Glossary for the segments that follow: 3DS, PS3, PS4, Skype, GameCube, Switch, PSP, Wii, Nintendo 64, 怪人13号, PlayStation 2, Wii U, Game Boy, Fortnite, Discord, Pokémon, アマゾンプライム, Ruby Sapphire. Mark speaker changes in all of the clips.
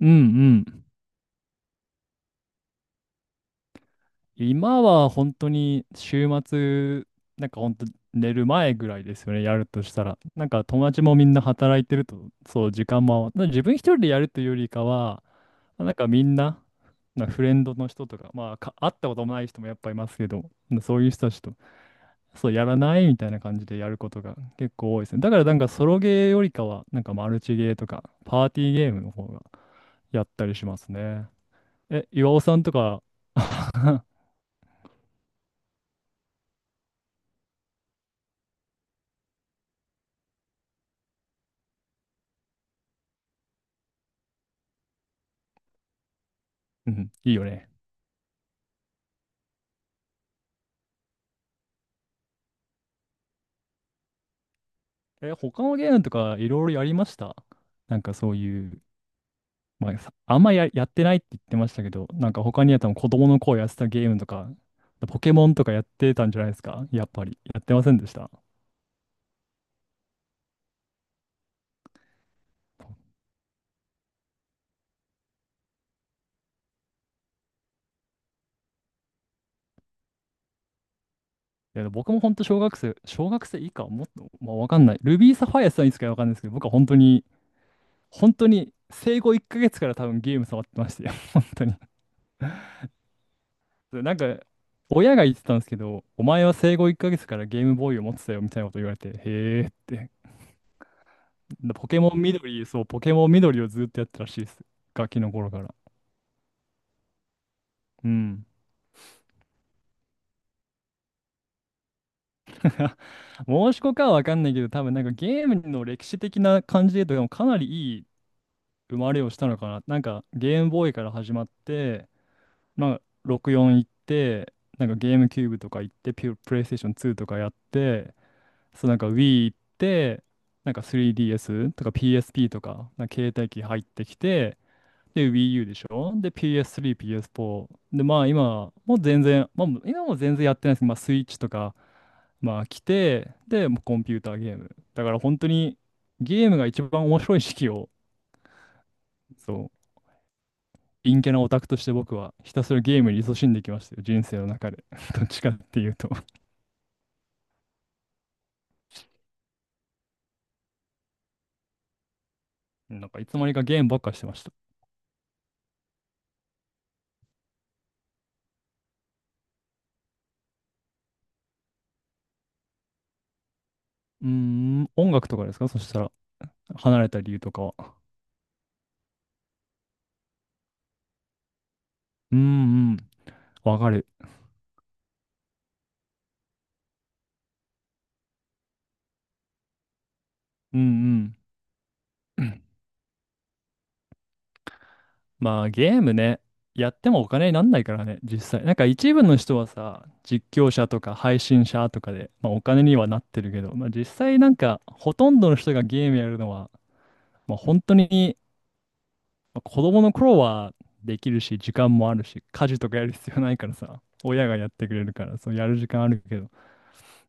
Speaker 1: うんうん。今は本当に週末、なんか本当寝る前ぐらいですよね、やるとしたら。なんか友達もみんな働いてると、そう、時間も、な自分一人でやるというよりかは、なんかみんな、フレンドの人とか、会ったこともない人もやっぱいますけど、そういう人たちと、そう、やらないみたいな感じでやることが結構多いですね。だからなんかソロゲーよりかは、なんかマルチゲーとか、パーティーゲームの方がやったりしますね。え、岩尾さんとか、うん、いいよね。え、他のゲームとかいろいろやりました？なんかそういう、まあ、さあんまや、やってないって言ってましたけど、なんか他にやったの子供の頃やってたゲームとか、ポケモンとかやってたんじゃないですかやっぱり。やってませんでした？いや、僕も本当小学生、小学生以下、もっと、まあ、わかんない。ルビーサファイアさんいつかわかんないですけど、僕は本当に、本当に生後1ヶ月から多分ゲーム触ってましたよ。本当に。でなんか、親が言ってたんですけど、お前は生後1ヶ月からゲームボーイを持ってたよみたいなこと言われて、へえって。でポケモン緑、そう、ポケモン緑をずっとやってたらしいです。ガキの頃から。うん。申し子かはわかんないけど、多分なんかゲームの歴史的な感じで言うと、でもかなりいい生まれをしたのかな。なんかゲームボーイから始まって、まあ、64行って、なんかゲームキューブとか行って、プレイステーション2とかやって、そうなんか Wii 行って、なんか 3DS とか PSP とか、なんか携帯機入ってきて、で、Wii U でしょ、で、PS3、PS4。で、まあ今、もう全然、まあ今も全然やってないですけど、まあスイッチとか、まあ来て、で、もうコンピューターゲーム。だから本当にゲームが一番面白い時期を、そう、陰キャなオタクとして僕はひたすらゲームに勤しんできましたよ、人生の中で。どっちかっていうとなんかいつの間にかゲームばっかしてました。うーん、音楽とかですかそしたら、離れた理由とかは。うんうん、わかる。うんうん。まあゲームね、やってもお金になんないからね、実際。なんか一部の人はさ、実況者とか配信者とかで、まあお金にはなってるけど、まあ実際なんかほとんどの人がゲームやるのは、まあ本当に、まあ子供の頃はできるし、時間もあるし、家事とかやる必要ないからさ、親がやってくれるから、そうやる時間あるけど、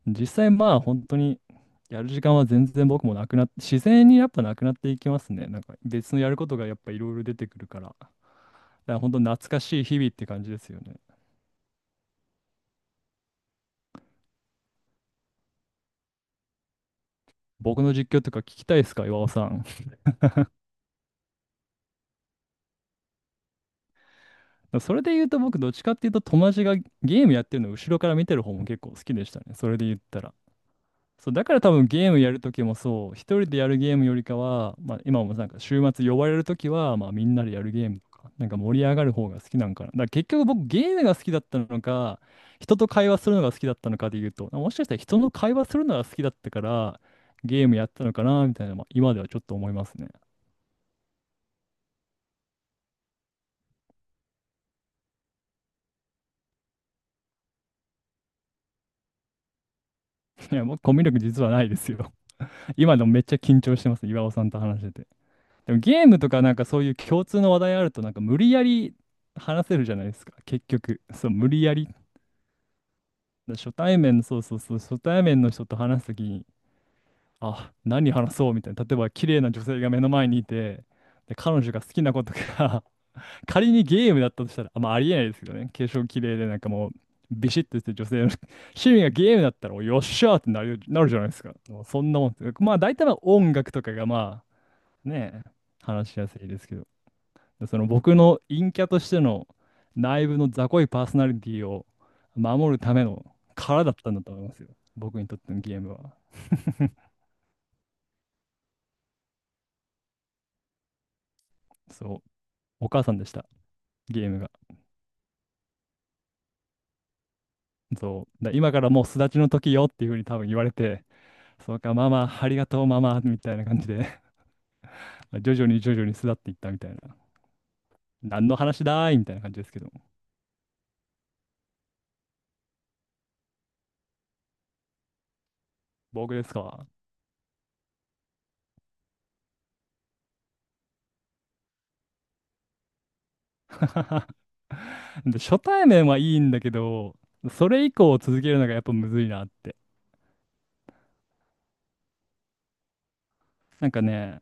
Speaker 1: 実際まあ本当にやる時間は全然僕もなくなって、自然にやっぱなくなっていきますね。なんか別のやることがやっぱいろいろ出てくるから。だから本当懐かしい日々って感じですよね。僕の実況とか聞きたいですか、岩尾さん？それで言うと僕どっちかっていうと友達がゲームやってるのを後ろから見てる方も結構好きでしたね。それで言ったら。そう、だから多分ゲームやるときもそう、一人でやるゲームよりかは、まあ、今もなんか週末呼ばれるときは、まあ、みんなでやるゲームとか、なんか盛り上がる方が好きなんかな。だから結局僕ゲームが好きだったのか、人と会話するのが好きだったのかで言うと、もしかしたら人の会話するのが好きだったから、ゲームやったのかなみたいな、まあ、今ではちょっと思いますね。いや、僕コミュ力実はないですよ。今でもめっちゃ緊張してます、岩尾さんと話してて。でもゲームとかなんかそういう共通の話題あると、なんか無理やり話せるじゃないですか、結局。そう、無理やり初対面、そうそうそう、初対面の人と話すときに、あ、何話そうみたいな、例えば綺麗な女性が目の前にいて、で、彼女が好きなことが 仮にゲームだったとしたら、あ、まあ、ありえないですけどね、化粧綺麗で、なんかもう、ビシッとしてる女性の 趣味がゲームだったら、およっしゃーってなる、なるじゃないですか。もうそんなもんです。まあ、大体は音楽とかが、まあ、ね、話しやすいですけど。でその僕の陰キャとしての内部の雑魚いパーソナリティを守るための殻だったんだと思いますよ。僕にとってのゲームは。そう、お母さんでした、ゲームが。そう、だ今からもう巣立ちの時よっていうふうに多分言われて、そうか、ママ、ありがとう、ママ、みたいな感じで 徐々に徐々に巣立っていったみたいな。何の話だーいみたいな感じですけど、僕ですか？で、初対面はいいんだけど、それ以降続けるのがやっぱむずいなって。なんかね、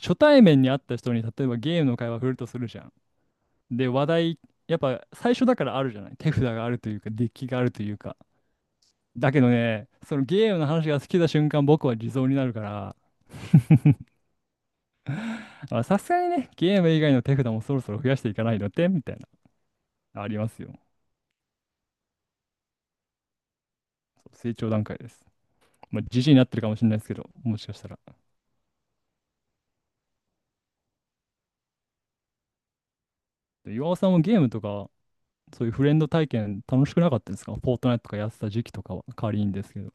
Speaker 1: 初対面に会った人に例えばゲームの会話振るとするじゃん。で、話題、やっぱ最初だからあるじゃない。手札があるというか、デッキがあるというか。だけどね、そのゲームの話が好きな瞬間、僕は地蔵になるから、あさすがにね、ゲーム以外の手札もそろそろ増やしていかないのってみたいな、ありますよ。成長段階です。まあ、じじいになってるかもしれないですけど、もしかしたら。で岩尾さんもゲームとか、そういうフレンド体験楽しくなかったですか？フォートナイトとかやってた時期とかは、仮にですけど。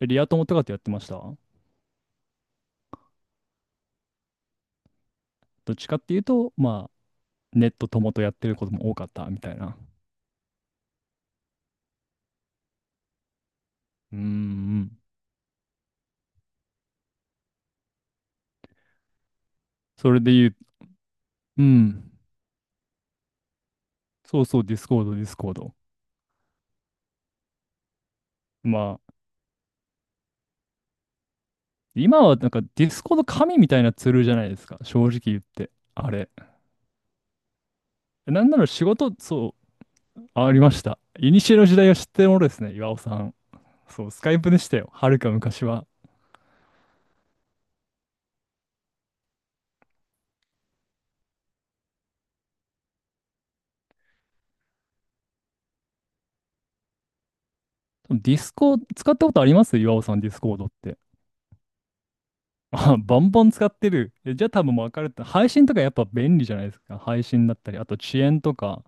Speaker 1: えリア友とかってやってました？どっちかっていうと、まあ、ネット友とやってることも多かったみたいな。うんうん。それで言う、うん、そうそう、ディスコード、ディスコード。まあ、今はなんかディスコード神みたいなツールじゃないですか、正直言って。あれ。なんなら仕事、そう、ありました。いにしえの時代を知ってるものですね、岩尾さん。そう、スカイプでしたよ、はるか昔は。ディスコ、使ったことあります岩尾さん、ディスコードって？あ、バンバン使ってる。えじゃあ多分もうるって。配信とかやっぱ便利じゃないですか。配信だったり、あと遅延とか。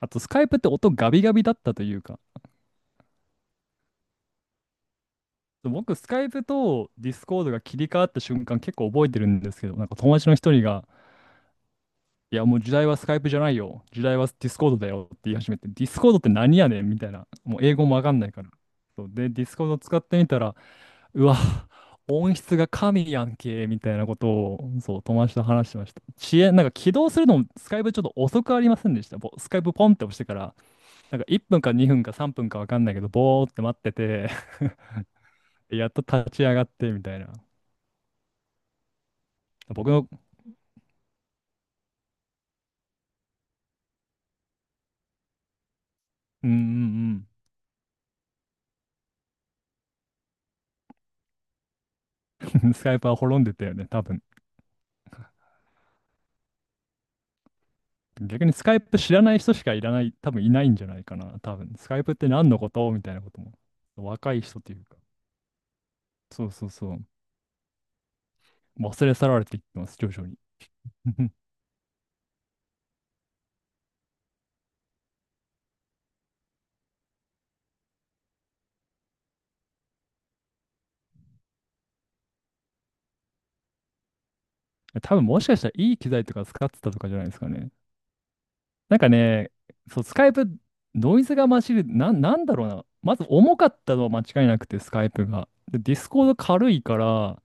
Speaker 1: あとスカイプって音ガビガビだったというか。僕、スカイプとディスコードが切り替わった瞬間結構覚えてるんですけど、なんか友達の一人が、いやもう時代はスカイプじゃないよ。時代はディスコードだよって言い始めて、ディスコードって何やねんみたいな。もう英語もわかんないから。そうで、ディスコード使ってみたら、うわ、音質が神やんけ、みたいなことを、そう、友達と話してました。遅延、なんか起動するのも、スカイプちょっと遅くありませんでした？ぼスカイプポンって押してから、なんか1分か2分か3分かわかんないけど、ぼーって待ってて やっと立ち上がって、みたいな。僕の、うんうんうん、スカイプは滅んでたよね、多分。逆にスカイプ知らない人しかいらない、多分いないんじゃないかな、多分。スカイプって何のことみたいなことも。若い人っていうか。そうそうそう。忘れ去られていってます、徐々に。多分もしかしたらいい機材とか使ってたとかじゃないですかね。なんかね、そう、スカイプ、ノイズが混じる、なんだろうな。まず重かったのは間違いなくて、スカイプが。で、ディスコード軽いから、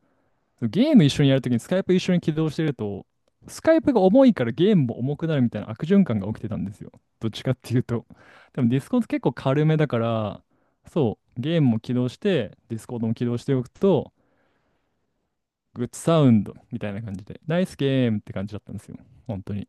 Speaker 1: ゲーム一緒にやるときにスカイプ一緒に起動してると、スカイプが重いからゲームも重くなるみたいな悪循環が起きてたんですよ。どっちかっていうと。でもディスコード結構軽めだから、そう、ゲームも起動して、ディスコードも起動しておくと、グッドサウンドみたいな感じで、ナイスゲームって感じだったんですよ。本当に。